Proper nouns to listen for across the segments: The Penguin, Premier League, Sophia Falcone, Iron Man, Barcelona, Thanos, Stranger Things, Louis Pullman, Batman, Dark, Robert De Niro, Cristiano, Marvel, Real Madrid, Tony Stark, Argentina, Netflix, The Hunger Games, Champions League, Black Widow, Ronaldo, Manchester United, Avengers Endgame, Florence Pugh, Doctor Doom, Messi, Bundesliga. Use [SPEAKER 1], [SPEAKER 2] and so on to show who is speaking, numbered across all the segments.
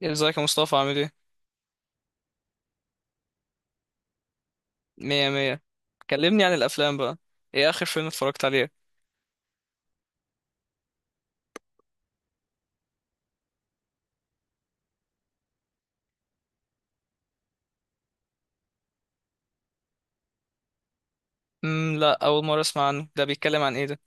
[SPEAKER 1] يعني ازيك يا مصطفى عامل ايه؟ مية مية. كلمني عن الأفلام بقى. ايه آخر فيلم اتفرجت عليه؟ لا، أول مرة أسمع عنه. ده بيتكلم عن ايه ده؟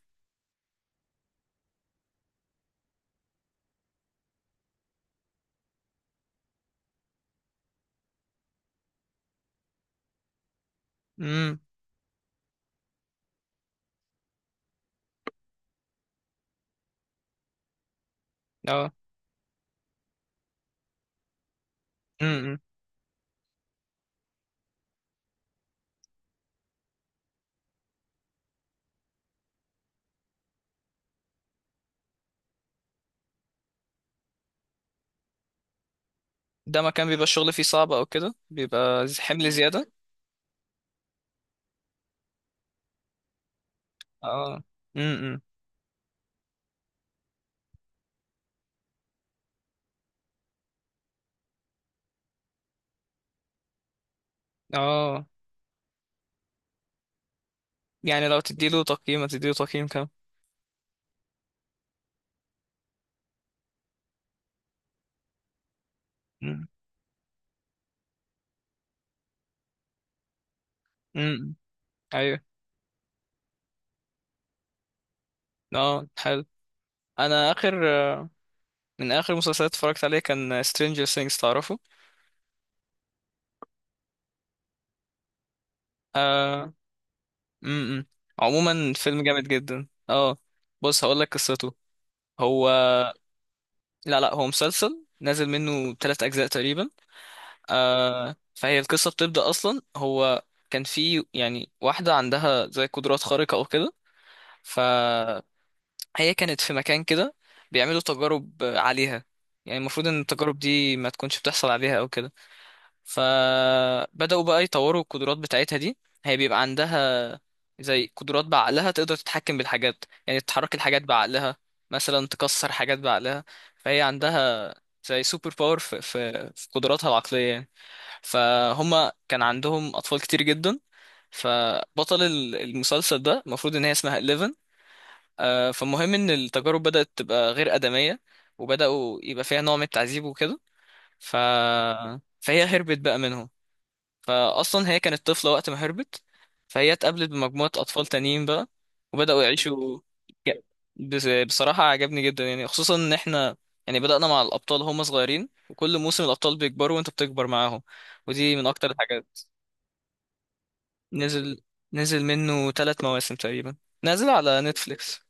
[SPEAKER 1] امم. اه. امم. ده مكان بيبقى الشغل فيه صعب أو كده بيبقى حمل زيادة. اه. امم. اه. يعني لو تديله تقييم هتديله تقييم كام؟ امم. أيوه. اه، حلو. أنا آخر آه، من آخر مسلسلات اتفرجت عليه كان Stranger Things، تعرفه؟ آه. امم. عموما فيلم جامد جدا، اه. بص هقول لك قصته. هو لا لا، هو مسلسل نازل منه ثلاث أجزاء تقريبا. آه، فهي القصة بتبدأ أصلا. هو كان في يعني واحدة عندها زي قدرات خارقة أو كده. فهي كانت في مكان كده بيعملوا تجارب عليها، يعني المفروض إن التجارب دي ما تكونش بتحصل عليها أو كده. فبدأوا بقى يطوروا القدرات بتاعتها دي. هي بيبقى عندها زي قدرات بعقلها، تقدر تتحكم بالحاجات، يعني تحرك الحاجات بعقلها، مثلا تكسر حاجات بعقلها. فهي عندها زي سوبر باور في قدراتها العقلية يعني. فهم كان عندهم أطفال كتير جدا. فبطل المسلسل ده المفروض إن هي اسمها 11. فالمهم إن التجارب بدأت تبقى غير آدمية، وبدأوا يبقى فيها نوع من التعذيب وكده. ف... فهي هربت بقى منهم. فاصلا هي كانت طفله وقت ما هربت. فهي اتقابلت بمجموعه اطفال تانيين بقى وبداوا يعيشوا. ج- بصراحه عجبني جدا، يعني خصوصا ان احنا يعني بدانا مع الابطال هم صغيرين، وكل موسم الابطال بيكبروا وانت بتكبر معاهم، ودي من اكتر الحاجات. نزل نزل منه ثلاث مواسم تقريبا، نازل على نتفليكس.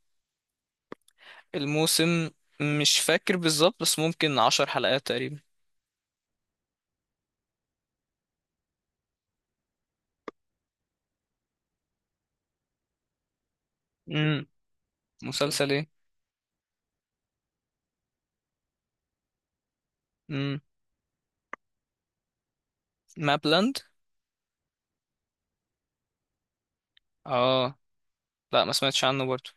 [SPEAKER 1] الموسم مش فاكر بالظبط بس ممكن عشر حلقات تقريبا. امم. مسلسل ايه. امم. مابلاند. اه لا، ما سمعتش عنه برضه.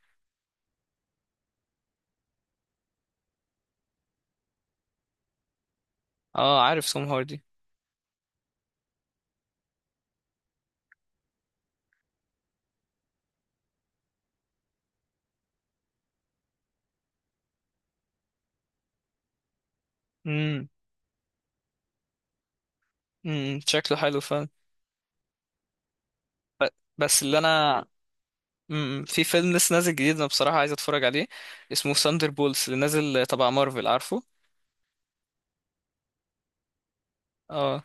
[SPEAKER 1] اه، عارف سوم هاردي. امم. امم، شكله حلو فعلا. ب- بس اللي انا امم، في فيلم لسه نازل جديد، انا بصراحة عايز اتفرج عليه، اسمه ساندر بولز اللي نازل تبع مارفل، عارفه. اه.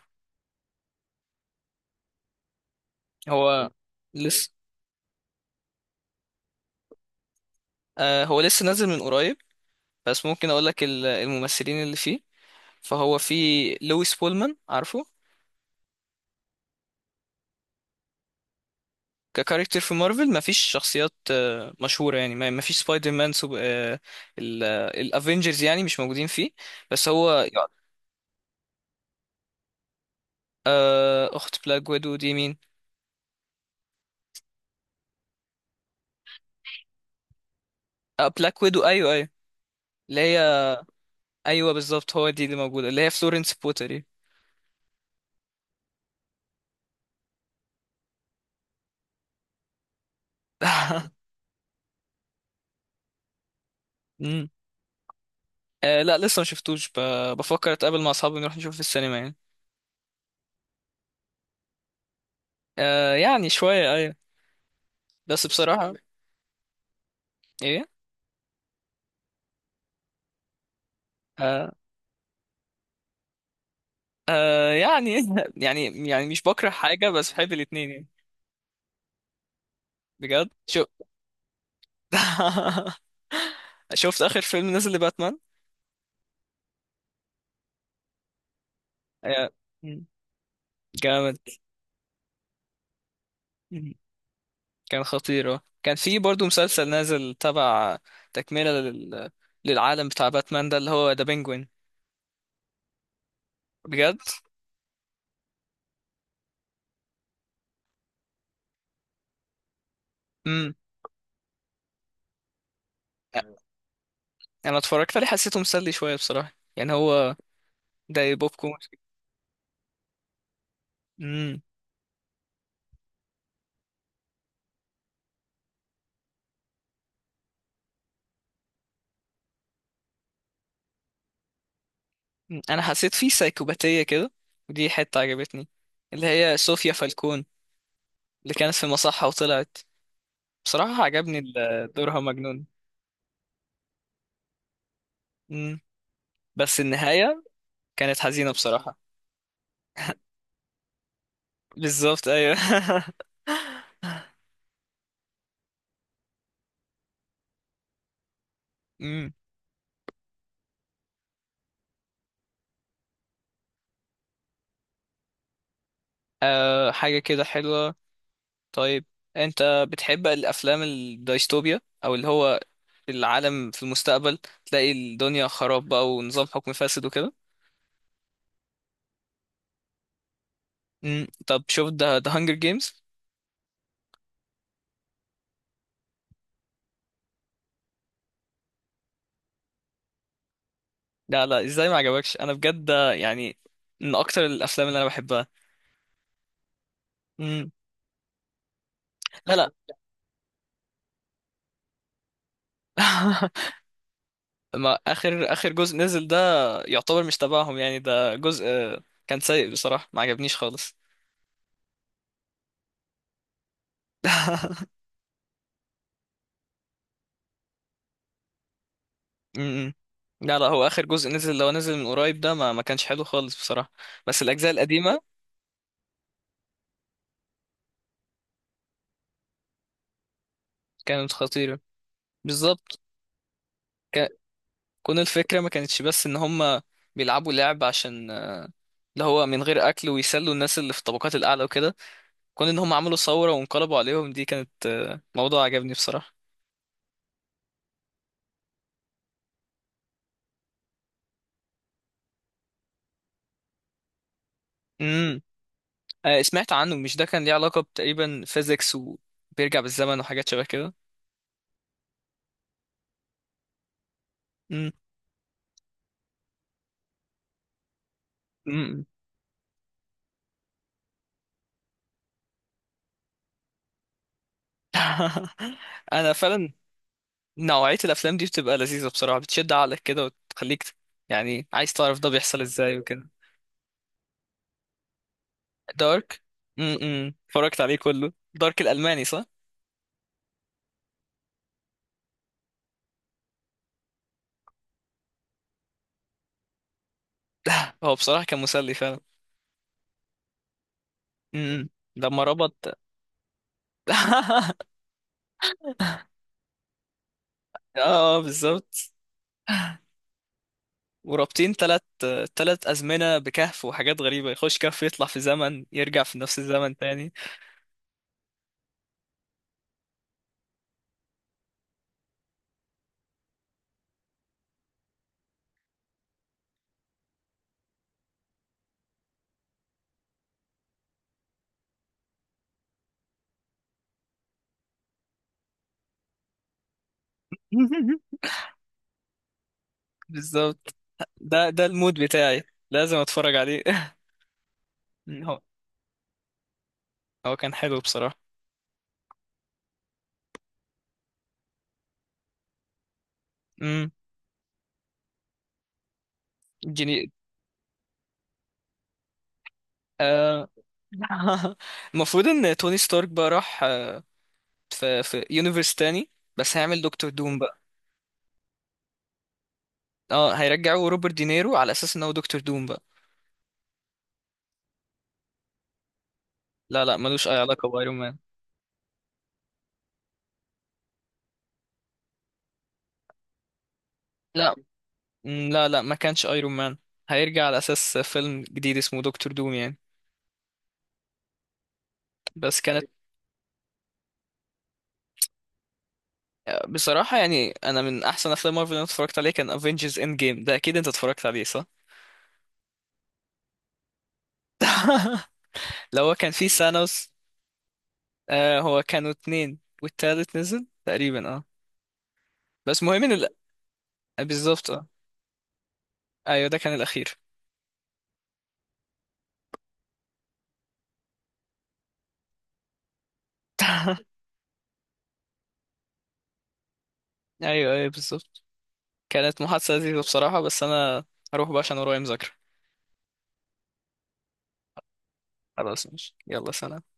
[SPEAKER 1] هو لسه هو لسه نازل من قريب، بس ممكن اقول لك الممثلين اللي فيه. فهو في لويس بولمان، عارفه. ككاركتر في مارفل مفيش شخصيات مشهورة يعني، مفيش سبايدر مان، سوب... آه، ال- آه، الافينجرز يعني مش موجودين فيه. بس هو آه، اخت بلاك ويدو دي مين؟ آه، بلاك ويدو ايوه، أيوة. اللي هي ايوه بالظبط، هو دي اللي موجوده، اللي هي فلورنس بوتري. امم. آه لا، لسه ما شفتوش. بفكر اتقابل مع اصحابي نروح نشوف في السينما يعني. آه يعني شويه، ايوه. بس بصراحه، ايه. آه يعني. يعني مش بكره حاجه، بس بحب الاتنين يعني. بجد شو. شفت اخر فيلم نزل لباتمان؟ آه، مم. جامد. مم. كان خطير. كان في برضو مسلسل نازل تبع، تكمله للعالم بتاع باتمان ده، اللي هو ذا بينجوين. بجد. امم. انا اتفرجت عليه حسيته مسلي شويه بصراحه، يعني هو ده بوب كورن. امم. انا حسيت فيه سايكوباتيه كده، ودي حته عجبتني، اللي هي صوفيا فالكون، اللي كانت في مصحه وطلعت. بصراحه عجبني دورها مجنون. امم. بس النهايه كانت حزينه بصراحه. بالظبط ايوه. امم. أه، حاجه كده حلوه. طيب، انت بتحب الافلام الدايستوبيا او اللي هو العالم في المستقبل، تلاقي الدنيا خراب بقى ونظام حكم فاسد وكده؟ امم، طب شوف ده هانجر جيمز. لا لا، ازاي ما عجبكش؟ انا بجد ده يعني من اكتر الافلام اللي انا بحبها. امم. لا لا. ما اخر جزء نزل ده يعتبر مش تبعهم يعني، ده جزء كان سيء بصراحة، ما عجبنيش خالص. امم. لا لا، هو اخر جزء نزل لو نزل من قريب ده ما كانش حلو خالص بصراحه، بس الاجزاء القديمه كانت خطيره. بالظبط. ك... كون الفكره ما كانتش بس ان هم بيلعبوا لعب عشان اللي هو من غير اكل، ويسلوا الناس اللي في الطبقات الاعلى وكده. كون ان هم عملوا ثوره وانقلبوا عليهم، دي كانت موضوع عجبني بصراحه. امم. سمعت عنه، مش ده كان ليه علاقه تقريبا فيزيكس وبيرجع بالزمن وحاجات شبه كده؟ امم. امم. انا فعلا نوعية الأفلام دي بتبقى لذيذة بصراحة، بتشد عقلك كده وتخليك يعني عايز تعرف ده بيحصل ازاي وكده. دارك. امم، اتفرجت عليه كله، دارك الألماني صح؟ هو بصراحة كان مسلي فعلا. امم. لما ربط. اه بالظبط. ورابطين تلات أزمنة بكهف، وحاجات غريبة، يخش كهف يطلع في زمن يرجع في نفس الزمن تاني. بالظبط، ده المود بتاعي، لازم اتفرج عليه. هو هو كان حلو بصراحة. امم. جيني. آه، المفروض ان توني ستارك بقى راح، في يونيفرس تاني، بس هيعمل دكتور دوم بقى. اه، هيرجعوا روبرت دينيرو على اساس ان هو دكتور دوم بقى. لا لا، ملوش اي علاقة بايرون مان. لا. لا لا، ما كانش ايرون مان، هيرجع على اساس فيلم جديد اسمه دكتور دوم يعني. بس كانت. بصراحة يعني انا من احسن افلام مارفل اللي أنا اتفرجت عليه كان افنجرز اند جيم، ده اكيد انت اتفرجت عليه صح. لو هو كان فيه سانوس. آه، هو كانوا اتنين والتالت نزل تقريبا، اه. بس مهم ان بالظبط. ايوه ده كان الاخير. ايوه ايوه بالظبط. كانت محادثه لذيذه بصراحه، بس انا هروح بقى عشان ورايا مذاكره. خلاص ماشي، يلا سلام.